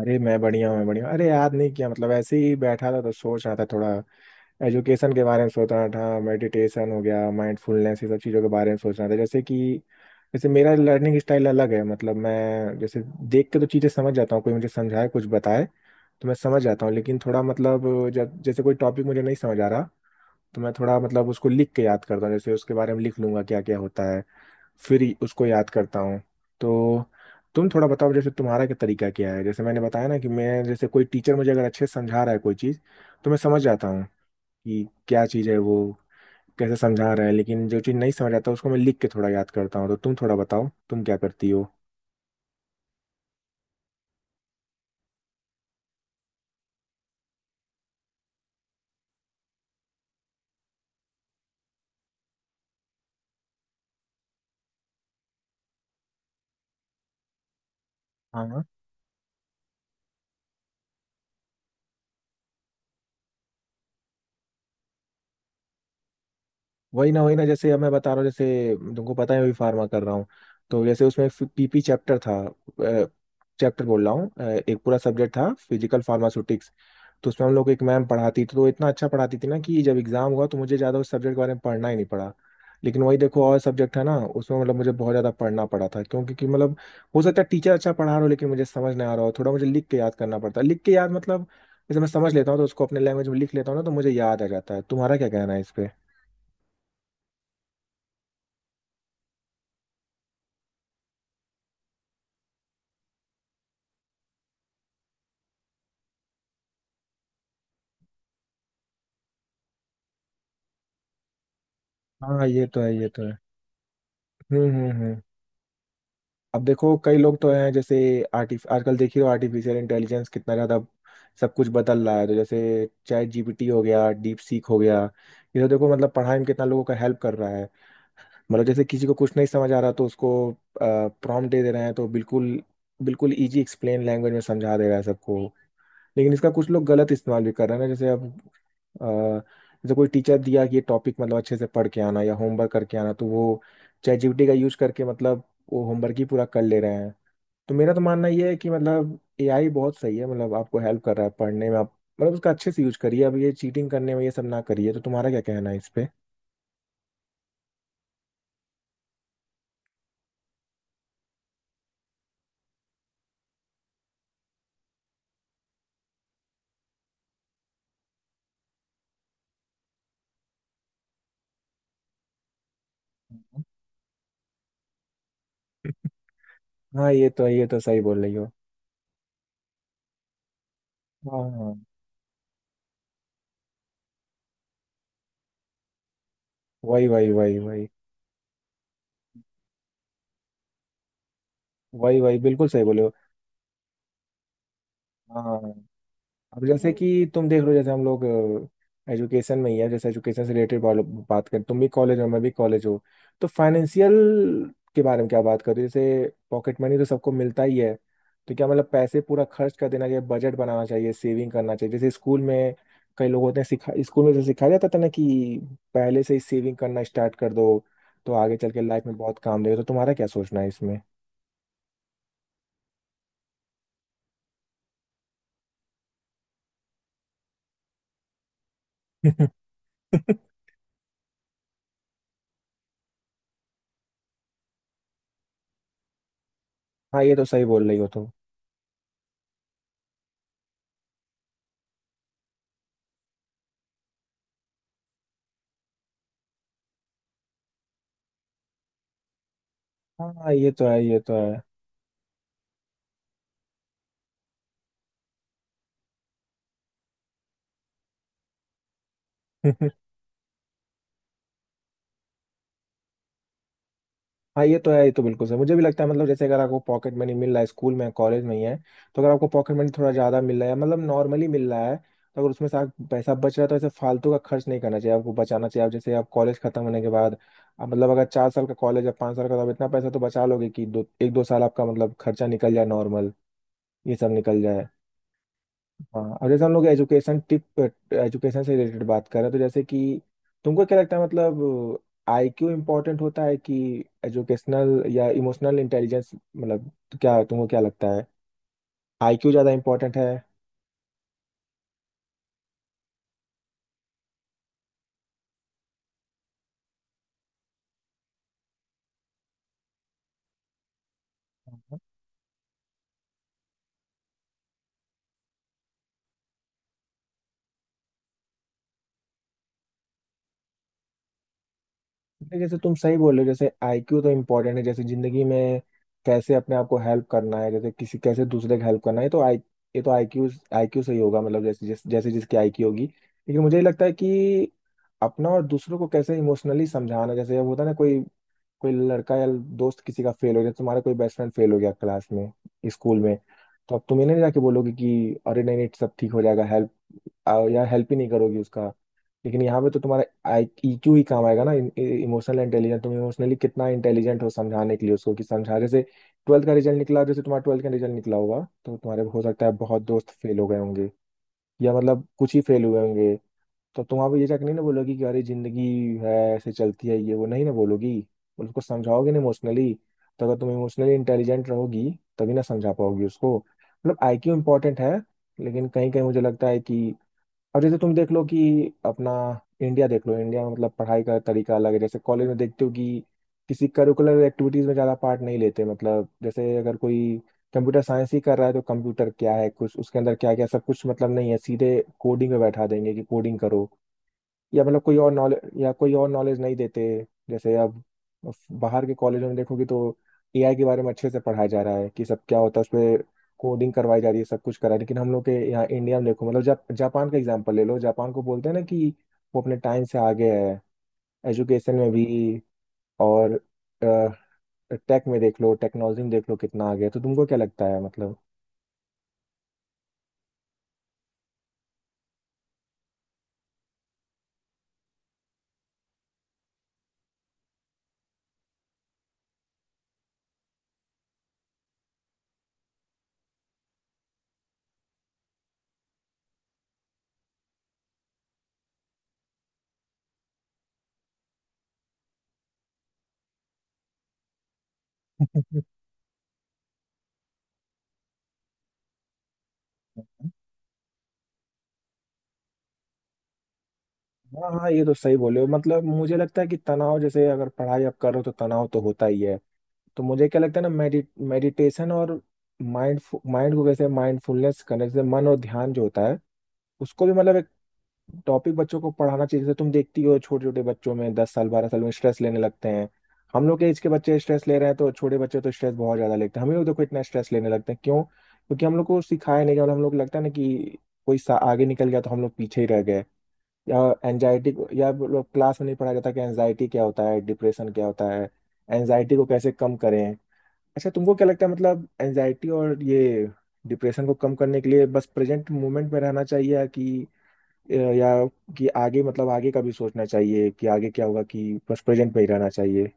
अरे मैं बढ़िया हूँ, मैं बढ़िया हूँ। अरे याद नहीं किया, मतलब ऐसे ही बैठा था तो सोच रहा था, थोड़ा एजुकेशन के बारे में सोच रहा था, मेडिटेशन हो गया, माइंडफुलनेस, ये सब चीज़ों के बारे में सोच रहा था। जैसे मेरा लर्निंग स्टाइल अलग है, मतलब मैं जैसे देख के तो चीज़ें समझ जाता हूँ, कोई मुझे समझाए कुछ बताए तो मैं समझ जाता हूँ। लेकिन थोड़ा, मतलब जब जैसे कोई टॉपिक मुझे नहीं समझ आ रहा तो मैं थोड़ा, मतलब उसको लिख के याद करता हूँ, जैसे उसके बारे में लिख लूंगा क्या क्या होता है, फिर ही उसको याद करता हूँ। तो तुम थोड़ा बताओ, जैसे तुम्हारा क्या तरीका क्या है। जैसे मैंने बताया ना कि मैं जैसे कोई टीचर मुझे अगर अच्छे से समझा रहा है कोई चीज़, तो मैं समझ जाता हूँ कि क्या चीज़ है, वो कैसे समझा रहा है। लेकिन जो चीज़ नहीं समझ आता उसको मैं लिख के थोड़ा याद करता हूँ। तो तुम थोड़ा बताओ तुम क्या करती हो। हाँ, वही ना वही ना, जैसे अब मैं बता रहा हूँ, जैसे तुमको पता है मैं भी फार्मा कर रहा हूँ, तो जैसे उसमें पीपी चैप्टर था, चैप्टर बोल रहा हूँ, एक पूरा सब्जेक्ट था फिजिकल फार्मास्यूटिक्स। तो उसमें हम लोग को एक मैम पढ़ाती थी, तो वो इतना अच्छा पढ़ाती थी ना कि जब एग्जाम हुआ तो मुझे ज़्यादा उस सब्जेक्ट के बारे में पढ़ना ही नहीं पड़ा। लेकिन वही देखो, और सब्जेक्ट है ना, उसमें मतलब मुझे बहुत ज़्यादा पढ़ना पड़ा था, क्योंकि कि मतलब हो सकता है टीचर अच्छा पढ़ा रहा हो लेकिन मुझे समझ नहीं आ रहा हो, थोड़ा मुझे लिख के याद करना पड़ता है। लिख के याद मतलब जैसे मैं समझ लेता हूँ तो उसको अपने लैंग्वेज में लिख लेता हूँ ना, तो मुझे याद आ जाता है। तुम्हारा क्या कहना है इस पे। हाँ ये तो है, ये तो है। हम्म, हम्म, हम्म। अब देखो कई लोग तो हैं, जैसे आर्टिफ आजकल देखिए आर्टिफिशियल इंटेलिजेंस कितना ज़्यादा सब कुछ बदल रहा है, तो जैसे चैट जीपीटी हो गया, डीप सीक हो गया। ये तो देखो मतलब पढ़ाई में कितना लोगों का हेल्प कर रहा है। मतलब जैसे किसी को कुछ नहीं समझ आ रहा तो उसको प्रॉम्प्ट दे दे रहे हैं, तो बिल्कुल बिल्कुल इजी एक्सप्लेन लैंग्वेज में समझा दे रहा है सबको। लेकिन इसका कुछ लोग गलत इस्तेमाल भी कर रहे हैं ना, जैसे अब अ, जैसे कोई टीचर दिया कि ये टॉपिक मतलब अच्छे से पढ़ के आना या होमवर्क करके आना, तो वो चैट जीपीटी का यूज करके मतलब वो होमवर्क ही पूरा कर ले रहे हैं। तो मेरा तो मानना ये है कि मतलब एआई बहुत सही है, मतलब आपको हेल्प कर रहा है पढ़ने में, आप मतलब उसका अच्छे से यूज करिए, अब ये चीटिंग करने में ये सब ना करिए। तो तुम्हारा क्या कहना है इस पे। हम्म, हाँ ये तो सही बोल रही हो। हाँ हाँ, वही वही वही वही। वही वही बिल्कुल सही बोले हो। हाँ, अब जैसे कि तुम देख लो, जैसे हम लोग एजुकेशन में ही है, जैसे एजुकेशन से रिलेटेड बात करें, तुम भी कॉलेज हो मैं भी कॉलेज हो, तो फाइनेंशियल के बारे में क्या बात करो। जैसे पॉकेट मनी तो सबको मिलता ही है, तो क्या मतलब पैसे पूरा खर्च कर देना चाहिए, बजट बनाना चाहिए, सेविंग करना चाहिए। जैसे स्कूल में कई लोग होते हैं सिखा, स्कूल में जैसे सिखाया जाता था ना कि पहले से ही सेविंग करना स्टार्ट कर दो, तो आगे चल के लाइफ में बहुत काम देगा। तो तुम्हारा क्या सोचना है इसमें। हाँ ये तो सही बोल रही हो तुम। हाँ ये तो है, ये तो है। हाँ ये तो है, ये तो बिल्कुल सही, मुझे भी लगता है। मतलब जैसे अगर आपको पॉकेट मनी मिल रहा है, स्कूल में कॉलेज में ही है, तो अगर आपको पॉकेट मनी थोड़ा ज़्यादा मिल रहा है, मतलब नॉर्मली मिल रहा है, तो अगर उसमें से आप पैसा बच रहा है तो ऐसे फालतू का खर्च नहीं करना चाहिए, आपको बचाना चाहिए। आप जैसे आप कॉलेज खत्म होने के बाद, आप मतलब अगर 4 साल का कॉलेज या 5 साल का, तो आप इतना पैसा तो बचा लोगे कि दो एक दो साल आपका मतलब खर्चा निकल जाए, नॉर्मल ये सब निकल जाए। हाँ अब जैसे हम लोग एजुकेशन से रिलेटेड बात कर रहे हैं, तो जैसे कि तुमको क्या लगता है, मतलब आईक्यू इम्पोर्टेंट होता है कि एजुकेशनल या इमोशनल इंटेलिजेंस, मतलब क्या तुमको क्या लगता है, आईक्यू ज़्यादा इम्पोर्टेंट है। जैसे तुम सही बोल रहे हो, जैसे आईक्यू तो इम्पोर्टेंट है, जैसे जिंदगी में कैसे अपने आप को हेल्प करना है, जैसे किसी कैसे दूसरे का हेल्प करना है, तो आई ये तो आईक्यू आईक्यू से ही होगा, मतलब जैसे जैसे जिसकी आईक्यू होगी। लेकिन मुझे ये लगता है कि अपना और दूसरों को कैसे इमोशनली समझाना। जैसे अब होता है ना, कोई कोई लड़का या दोस्त किसी का फेल हो गया, तुम्हारा कोई बेस्ट फ्रेंड फेल हो गया क्लास में, स्कूल में, तो अब तुम इन्हें नहीं जाके बोलोगे कि अरे नहीं नहीं सब ठीक हो जाएगा, हेल्प, या हेल्प ही नहीं करोगी उसका। लेकिन यहाँ पे तो तुम्हारा ईक्यू ही काम आएगा ना, इमोशनल इंटेलिजेंट, तुम इमोशनली कितना इंटेलिजेंट हो समझाने के लिए उसको, कि समझा जैसे ट्वेल्थ का रिजल्ट निकला, जैसे तुम्हारा ट्वेल्थ का रिजल्ट निकला होगा, तो तुम्हारे हो सकता है बहुत दोस्त फेल हो गए होंगे, या मतलब कुछ ही फेल हुए होंगे। तो तुम वहाँ पे ये जाकर नहीं ना बोलोगी कि अरे जिंदगी है ऐसे चलती है, ये वो नहीं ना बोलोगी, उसको समझाओगे ना इमोशनली। तो अगर तुम इमोशनली इंटेलिजेंट रहोगी, तभी ना समझा पाओगी उसको। मतलब आईक्यू इंपॉर्टेंट है, लेकिन कहीं कहीं मुझे लगता है कि अब जैसे तुम देख लो कि अपना इंडिया देख लो, इंडिया में मतलब पढ़ाई का तरीका अलग है। जैसे कॉलेज में देखते हो कि किसी करिकुलर एक्टिविटीज में ज़्यादा पार्ट नहीं लेते, मतलब जैसे अगर कोई कंप्यूटर साइंस ही कर रहा है, तो कंप्यूटर क्या है, कुछ उसके अंदर क्या क्या सब कुछ, मतलब नहीं है, सीधे कोडिंग में बैठा देंगे कि कोडिंग करो, या मतलब कोई और नॉलेज, या कोई और नॉलेज नहीं देते। जैसे अब बाहर के कॉलेजों में देखोगे तो एआई के बारे में अच्छे से पढ़ाया जा रहा है कि सब क्या होता है उसमें, कोडिंग करवाई जा रही है, सब कुछ करा है। लेकिन हम लोग के यहाँ इंडिया में देखो, मतलब जापान का एग्जाम्पल ले लो, जापान को बोलते हैं ना कि वो अपने टाइम से आगे है एजुकेशन में भी, और टेक में देख लो, टेक्नोलॉजी में देख लो कितना आगे है। तो तुमको क्या लगता है मतलब। हाँ हाँ ये तो सही बोले हो। मतलब मुझे लगता है कि तनाव, जैसे अगर पढ़ाई आप करो तो तनाव तो होता ही है। तो मुझे क्या लगता है ना, मेडिटेशन और माइंड माइंड को कैसे, माइंडफुलनेस करने, जैसे मन और ध्यान जो होता है उसको भी मतलब एक टॉपिक बच्चों को पढ़ाना चाहिए। जैसे तुम देखती हो छोटे छोटे बच्चों में, 10 साल 12 साल में स्ट्रेस लेने लगते हैं, हम लोग के एज के बच्चे स्ट्रेस ले रहे हैं, तो छोटे बच्चे तो स्ट्रेस बहुत ज्यादा लेते हैं। हम ही लोग देखो इतना स्ट्रेस लेने लगते हैं क्यों, क्योंकि हम लोग को सिखाया नहीं गया, और हम लोग को लगता है ना कि कोई सा आगे निकल गया तो हम लोग पीछे ही रह गए, या एनजाइटी, या लोग क्लास में नहीं पढ़ाया जाता कि एनजाइटी क्या होता है, डिप्रेशन क्या होता है, एनजाइटी को कैसे कम करें। अच्छा तुमको क्या लगता है, मतलब एंजाइटी और ये डिप्रेशन को कम करने के लिए बस प्रेजेंट मोमेंट में रहना चाहिए या, कि या कि आगे, मतलब आगे का भी सोचना चाहिए कि आगे क्या होगा कि बस प्रेजेंट में ही रहना चाहिए।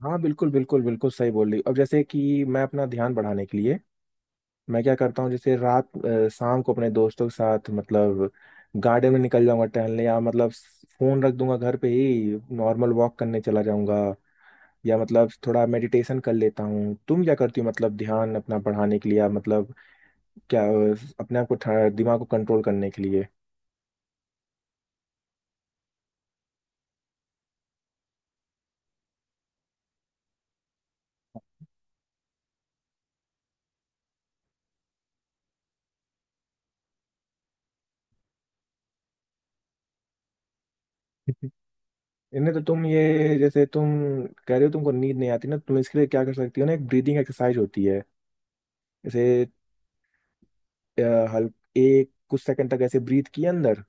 हाँ बिल्कुल बिल्कुल बिल्कुल सही बोल रही हो। अब जैसे कि मैं अपना ध्यान बढ़ाने के लिए मैं क्या करता हूँ, जैसे रात शाम को अपने दोस्तों के साथ मतलब गार्डन में निकल जाऊंगा टहलने, या मतलब फोन रख दूंगा घर पे ही, नॉर्मल वॉक करने चला जाऊंगा, या मतलब थोड़ा मेडिटेशन कर लेता हूँ। तुम क्या करती हो मतलब, ध्यान अपना बढ़ाने के लिए या मतलब, क्या अपने आप को दिमाग को कंट्रोल करने के लिए। इन्हें तो तुम, ये जैसे तुम कह रहे हो तुमको नींद नहीं आती ना, तुम इसके लिए क्या कर सकती हो ना, एक ब्रीदिंग एक्सरसाइज होती है, जैसे अ, हल, एक कुछ सेकंड तक ऐसे ब्रीथ किए अंदर,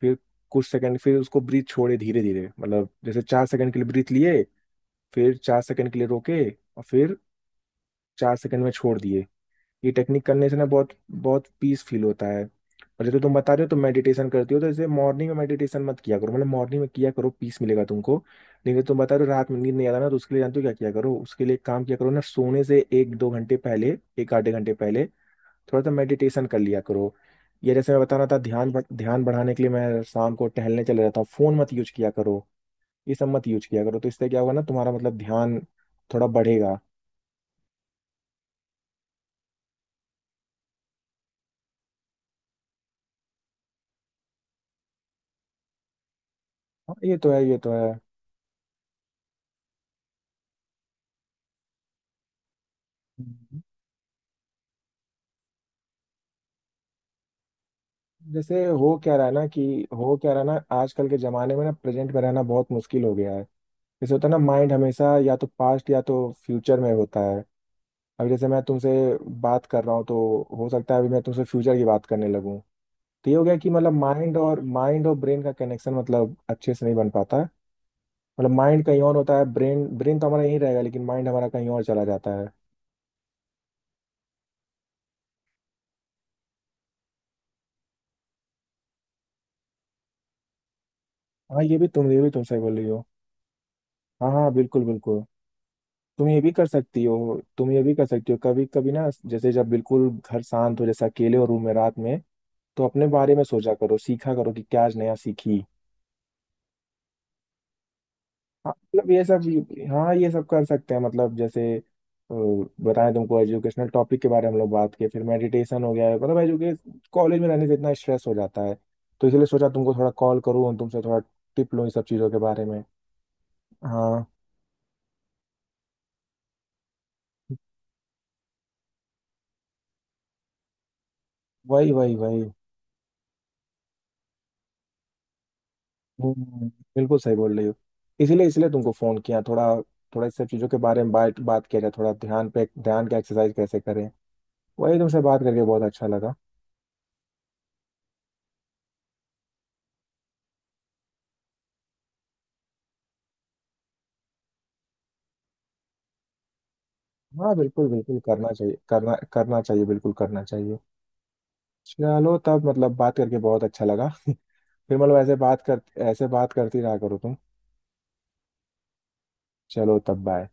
फिर कुछ सेकंड फिर उसको ब्रीथ छोड़े धीरे धीरे, मतलब जैसे 4 सेकंड के लिए ब्रीथ लिए, फिर 4 सेकंड के लिए रोके, और फिर 4 सेकंड में छोड़ दिए। ये टेक्निक करने से ना बहुत बहुत पीस फील होता है। और जैसे तुम बता रहे हो तुम मेडिटेशन करती हो, तो जैसे मॉर्निंग में मेडिटेशन मत किया करो, मतलब मॉर्निंग में किया करो, पीस मिलेगा तुमको। लेकिन तुम बता रहे हो रात में नींद नहीं आता ना, तो उसके लिए जानते हो क्या किया करो, उसके लिए एक काम किया करो ना, सोने से एक दो घंटे पहले, एक आधे घंटे पहले थोड़ा सा मेडिटेशन कर लिया करो। या जैसे मैं बता रहा था ध्यान ध्यान बढ़ाने के लिए मैं शाम को टहलने चले जाता हूँ, फोन मत यूज किया करो, ये सब मत यूज किया करो, तो इससे क्या होगा ना, तुम्हारा मतलब ध्यान थोड़ा बढ़ेगा। हाँ ये तो है ये तो है। जैसे हो क्या रहा है ना कि, हो क्या रहा है ना आजकल के जमाने में ना, प्रेजेंट में रहना बहुत मुश्किल हो गया है। जैसे होता है ना माइंड हमेशा या तो पास्ट या तो फ्यूचर में होता है। अब जैसे मैं तुमसे बात कर रहा हूँ, तो हो सकता है अभी मैं तुमसे फ्यूचर की बात करने लगूँ। तो ये हो गया कि मतलब माइंड और, ब्रेन का कनेक्शन मतलब अच्छे से नहीं बन पाता है, मतलब माइंड कहीं और होता है, ब्रेन ब्रेन तो हमारा यहीं रहेगा लेकिन माइंड हमारा कहीं और चला जाता है। हाँ ये भी तुम, ये भी तुमसे बोल रही हो। हाँ हाँ बिल्कुल बिल्कुल, तुम ये भी कर सकती हो, तुम ये भी कर सकती हो कभी कभी ना, जैसे जब बिल्कुल घर शांत हो, जैसे अकेले हो रूम में रात में, तो अपने बारे में सोचा करो, सीखा करो कि क्या आज नया सीखी। हाँ, मतलब ये सब, हाँ ये सब कर सकते हैं। मतलब जैसे बताएं तुमको एजुकेशनल टॉपिक के बारे में हम लोग बात किए, फिर मेडिटेशन हो गया, मतलब एजुकेश, कॉलेज में रहने से इतना स्ट्रेस हो जाता है, तो इसलिए सोचा तुमको थोड़ा कॉल करूँ, तुमसे थोड़ा टिप लूँ इस सब चीज़ों के बारे में। हाँ वही वही वही। हम्म, बिल्कुल सही बोल रही हो। इसीलिए, इसलिए तुमको फोन किया, थोड़ा थोड़ा इस सब चीजों के बारे में बात बात किया जाए, थोड़ा ध्यान पे, ध्यान का एक्सरसाइज कैसे करें। वही, तुमसे बात करके बहुत अच्छा लगा। हाँ बिल्कुल बिल्कुल करना चाहिए, करना करना चाहिए, बिल्कुल करना चाहिए। चलो तब, मतलब बात करके बहुत अच्छा लगा। फिर मतलब ऐसे बात कर, ऐसे बात करती रहा करो तुम। चलो तब, बाय।